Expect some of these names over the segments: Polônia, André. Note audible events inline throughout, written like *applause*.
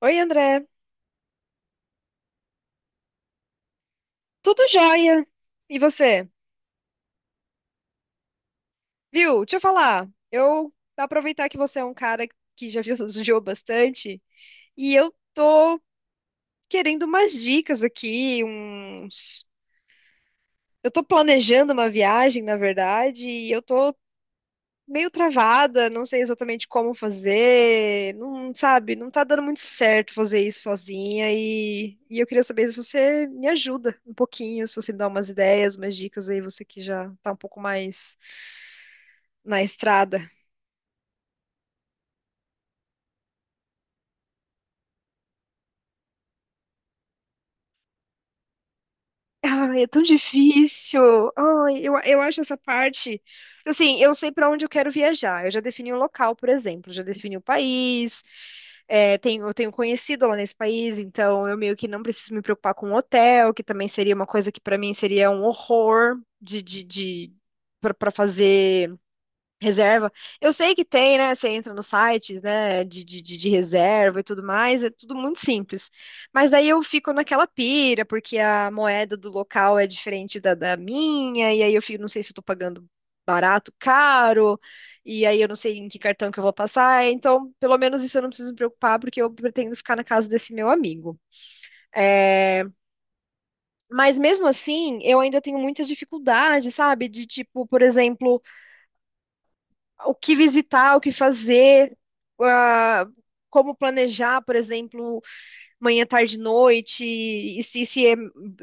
Oi, André. Tudo jóia? E você? Viu? Deixa eu falar. Eu aproveitar que você é um cara que já viu *laughs* viajou bastante e eu tô querendo umas dicas aqui, uns... Eu tô planejando uma viagem, na verdade, e eu tô meio travada, não sei exatamente como fazer, não sabe, não tá dando muito certo fazer isso sozinha e eu queria saber se você me ajuda um pouquinho, se você me dá umas ideias, umas dicas aí, você que já tá um pouco mais na estrada. Ai, é tão difícil. Ai, eu acho essa parte. Assim, eu sei para onde eu quero viajar. Eu já defini o local, por exemplo, já defini o país. É, tenho, eu tenho conhecido lá nesse país, então eu meio que não preciso me preocupar com o hotel, que também seria uma coisa que para mim seria um horror de para fazer Reserva. Eu sei que tem, né? Você entra no site, né? De reserva e tudo mais, é tudo muito simples. Mas daí eu fico naquela pira, porque a moeda do local é diferente da minha, e aí eu fico, não sei se eu tô pagando barato, caro, e aí eu não sei em que cartão que eu vou passar. Então, pelo menos isso eu não preciso me preocupar, porque eu pretendo ficar na casa desse meu amigo. É, mas mesmo assim, eu ainda tenho muita dificuldade, sabe? De tipo, por exemplo. O que visitar, o que fazer, ah, como planejar, por exemplo, manhã, tarde, noite, e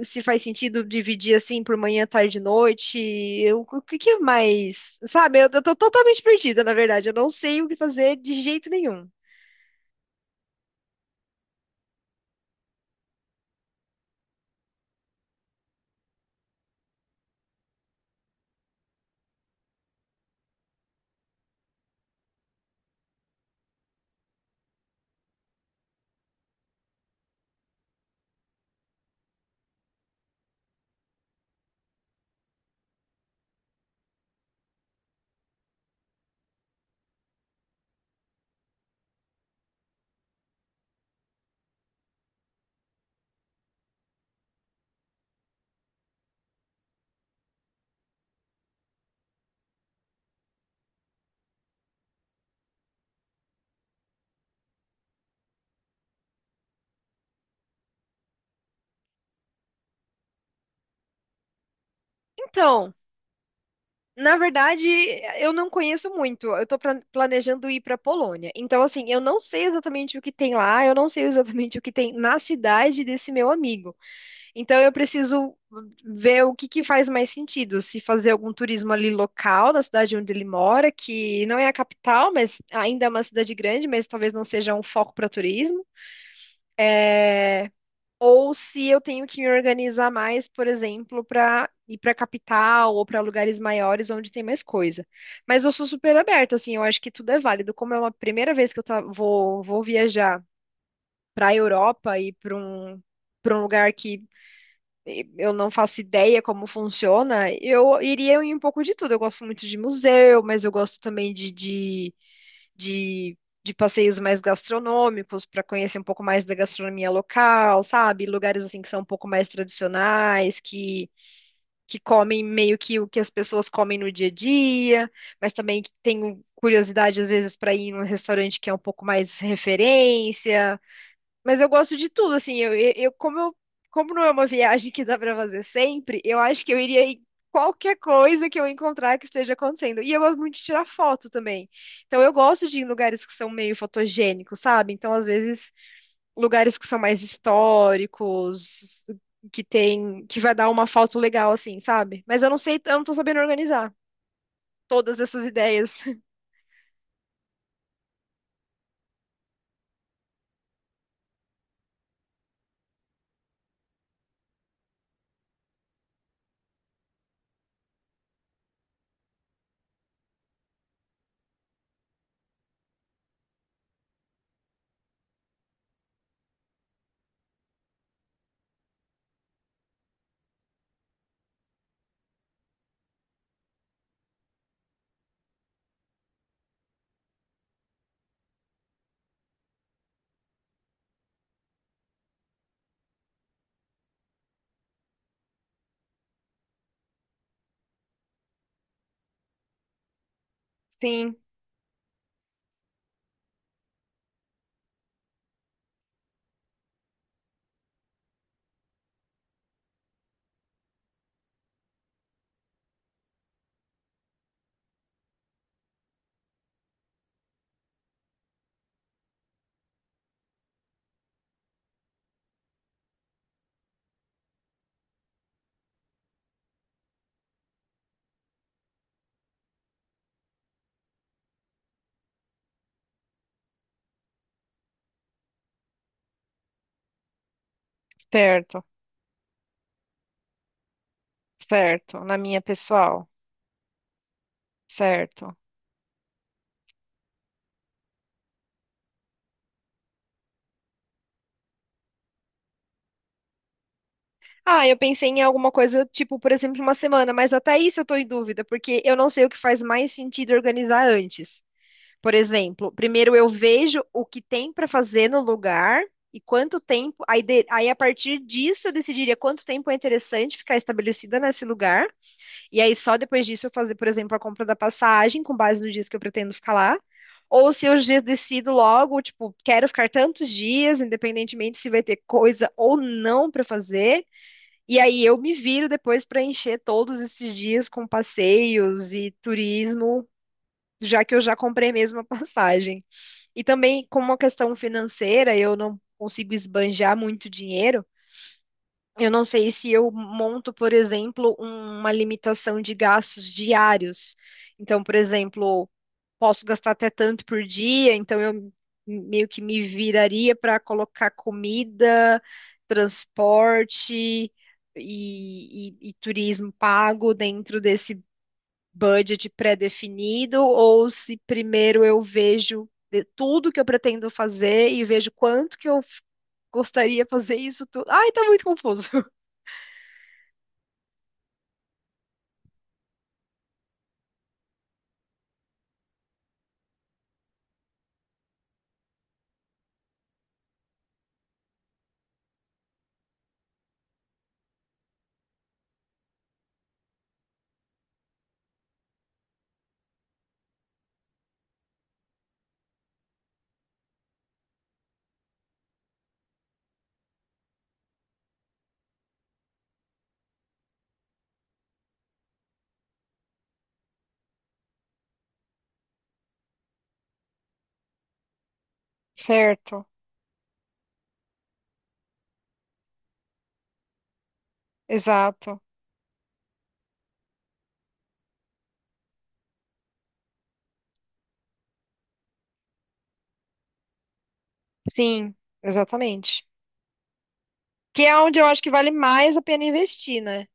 se faz sentido dividir assim por manhã, tarde, noite, o que que é mais, sabe? Eu tô totalmente perdida, na verdade, eu não sei o que fazer de jeito nenhum. Então. Na verdade, eu não conheço muito. Planejando ir para Polônia. Então, assim, eu não sei exatamente o que tem lá, eu não sei exatamente o que tem na cidade desse meu amigo. Então eu preciso ver o que que faz mais sentido, se fazer algum turismo ali local, na cidade onde ele mora, que não é a capital, mas ainda é uma cidade grande, mas talvez não seja um foco para turismo, né? Ou se eu tenho que me organizar mais, por exemplo, para ir para a capital ou para lugares maiores onde tem mais coisa. Mas eu sou super aberta, assim, eu acho que tudo é válido. Como é uma primeira vez que vou viajar para a Europa e para um lugar que eu não faço ideia como funciona, eu iria em um pouco de tudo. Eu gosto muito de museu, mas eu gosto também de, de passeios mais gastronômicos para conhecer um pouco mais da gastronomia local, sabe? Lugares assim que são um pouco mais tradicionais, que comem meio que o que as pessoas comem no dia a dia, mas também que tenho curiosidade às vezes para ir em um restaurante que é um pouco mais referência. Mas eu gosto de tudo, assim, como não é uma viagem que dá pra fazer sempre, eu acho que eu iria em qualquer coisa que eu encontrar que esteja acontecendo. E eu gosto muito de tirar foto também. Então eu gosto de ir em lugares que são meio fotogênicos, sabe? Então às vezes lugares que são mais históricos, que tem, que vai dar uma foto legal assim, sabe? Mas eu não sei, eu não tô sabendo organizar todas essas ideias. *laughs* Sim, certo, certo. Na minha pessoal, certo. Ah, eu pensei em alguma coisa, tipo, por exemplo, uma semana, mas até isso eu tô em dúvida, porque eu não sei o que faz mais sentido organizar antes. Por exemplo, primeiro eu vejo o que tem para fazer no lugar e quanto tempo, aí a partir disso eu decidiria quanto tempo é interessante ficar estabelecida nesse lugar, e aí só depois disso eu fazer, por exemplo, a compra da passagem com base nos dias que eu pretendo ficar lá. Ou se eu já decido logo, tipo, quero ficar tantos dias, independentemente se vai ter coisa ou não para fazer. E aí eu me viro depois para encher todos esses dias com passeios e turismo, já que eu já comprei mesmo a *laughs* passagem. E também, como uma questão financeira, eu não consigo esbanjar muito dinheiro. Eu não sei se eu monto, por exemplo, uma limitação de gastos diários. Então, por exemplo, posso gastar até tanto por dia, então eu meio que me viraria para colocar comida, transporte e turismo pago dentro desse budget pré-definido, ou se primeiro eu vejo de tudo que eu pretendo fazer e vejo quanto que eu f- gostaria de fazer isso tudo. Ai, tá muito confuso. *laughs* Certo, exato. Sim, exatamente. Que é onde eu acho que vale mais a pena investir, né?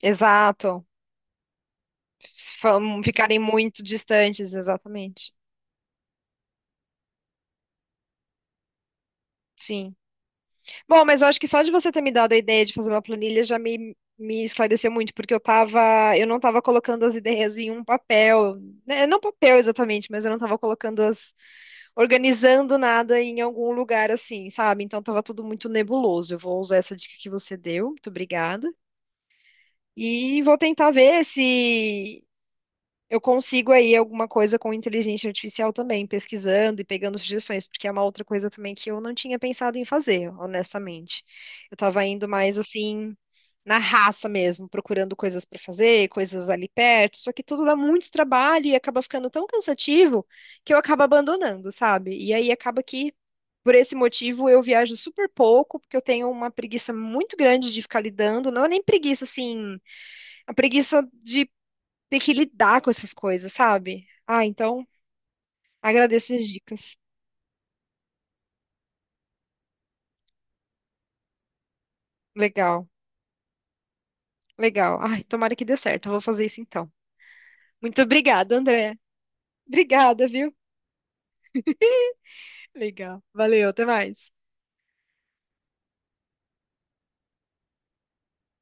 Exato. Ficarem muito distantes, exatamente. Sim. Bom, mas eu acho que só de você ter me dado a ideia de fazer uma planilha já me esclareceu muito, porque eu tava, eu não tava colocando as ideias em um papel, né, não papel exatamente, mas eu não tava colocando as, organizando nada em algum lugar assim, sabe? Então tava tudo muito nebuloso. Eu vou usar essa dica que você deu, muito obrigada. E vou tentar ver se eu consigo aí alguma coisa com inteligência artificial também, pesquisando e pegando sugestões, porque é uma outra coisa também que eu não tinha pensado em fazer, honestamente. Eu tava indo mais assim, na raça mesmo, procurando coisas para fazer, coisas ali perto, só que tudo dá muito trabalho e acaba ficando tão cansativo que eu acabo abandonando, sabe? E aí acaba que, por esse motivo, eu viajo super pouco, porque eu tenho uma preguiça muito grande de ficar lidando, não é nem preguiça assim, a preguiça de tem que lidar com essas coisas, sabe? Ah, então agradeço as dicas. Legal, legal. Ai, tomara que dê certo. Eu vou fazer isso então. Muito obrigada, André. Obrigada, viu? Legal. Valeu, até mais.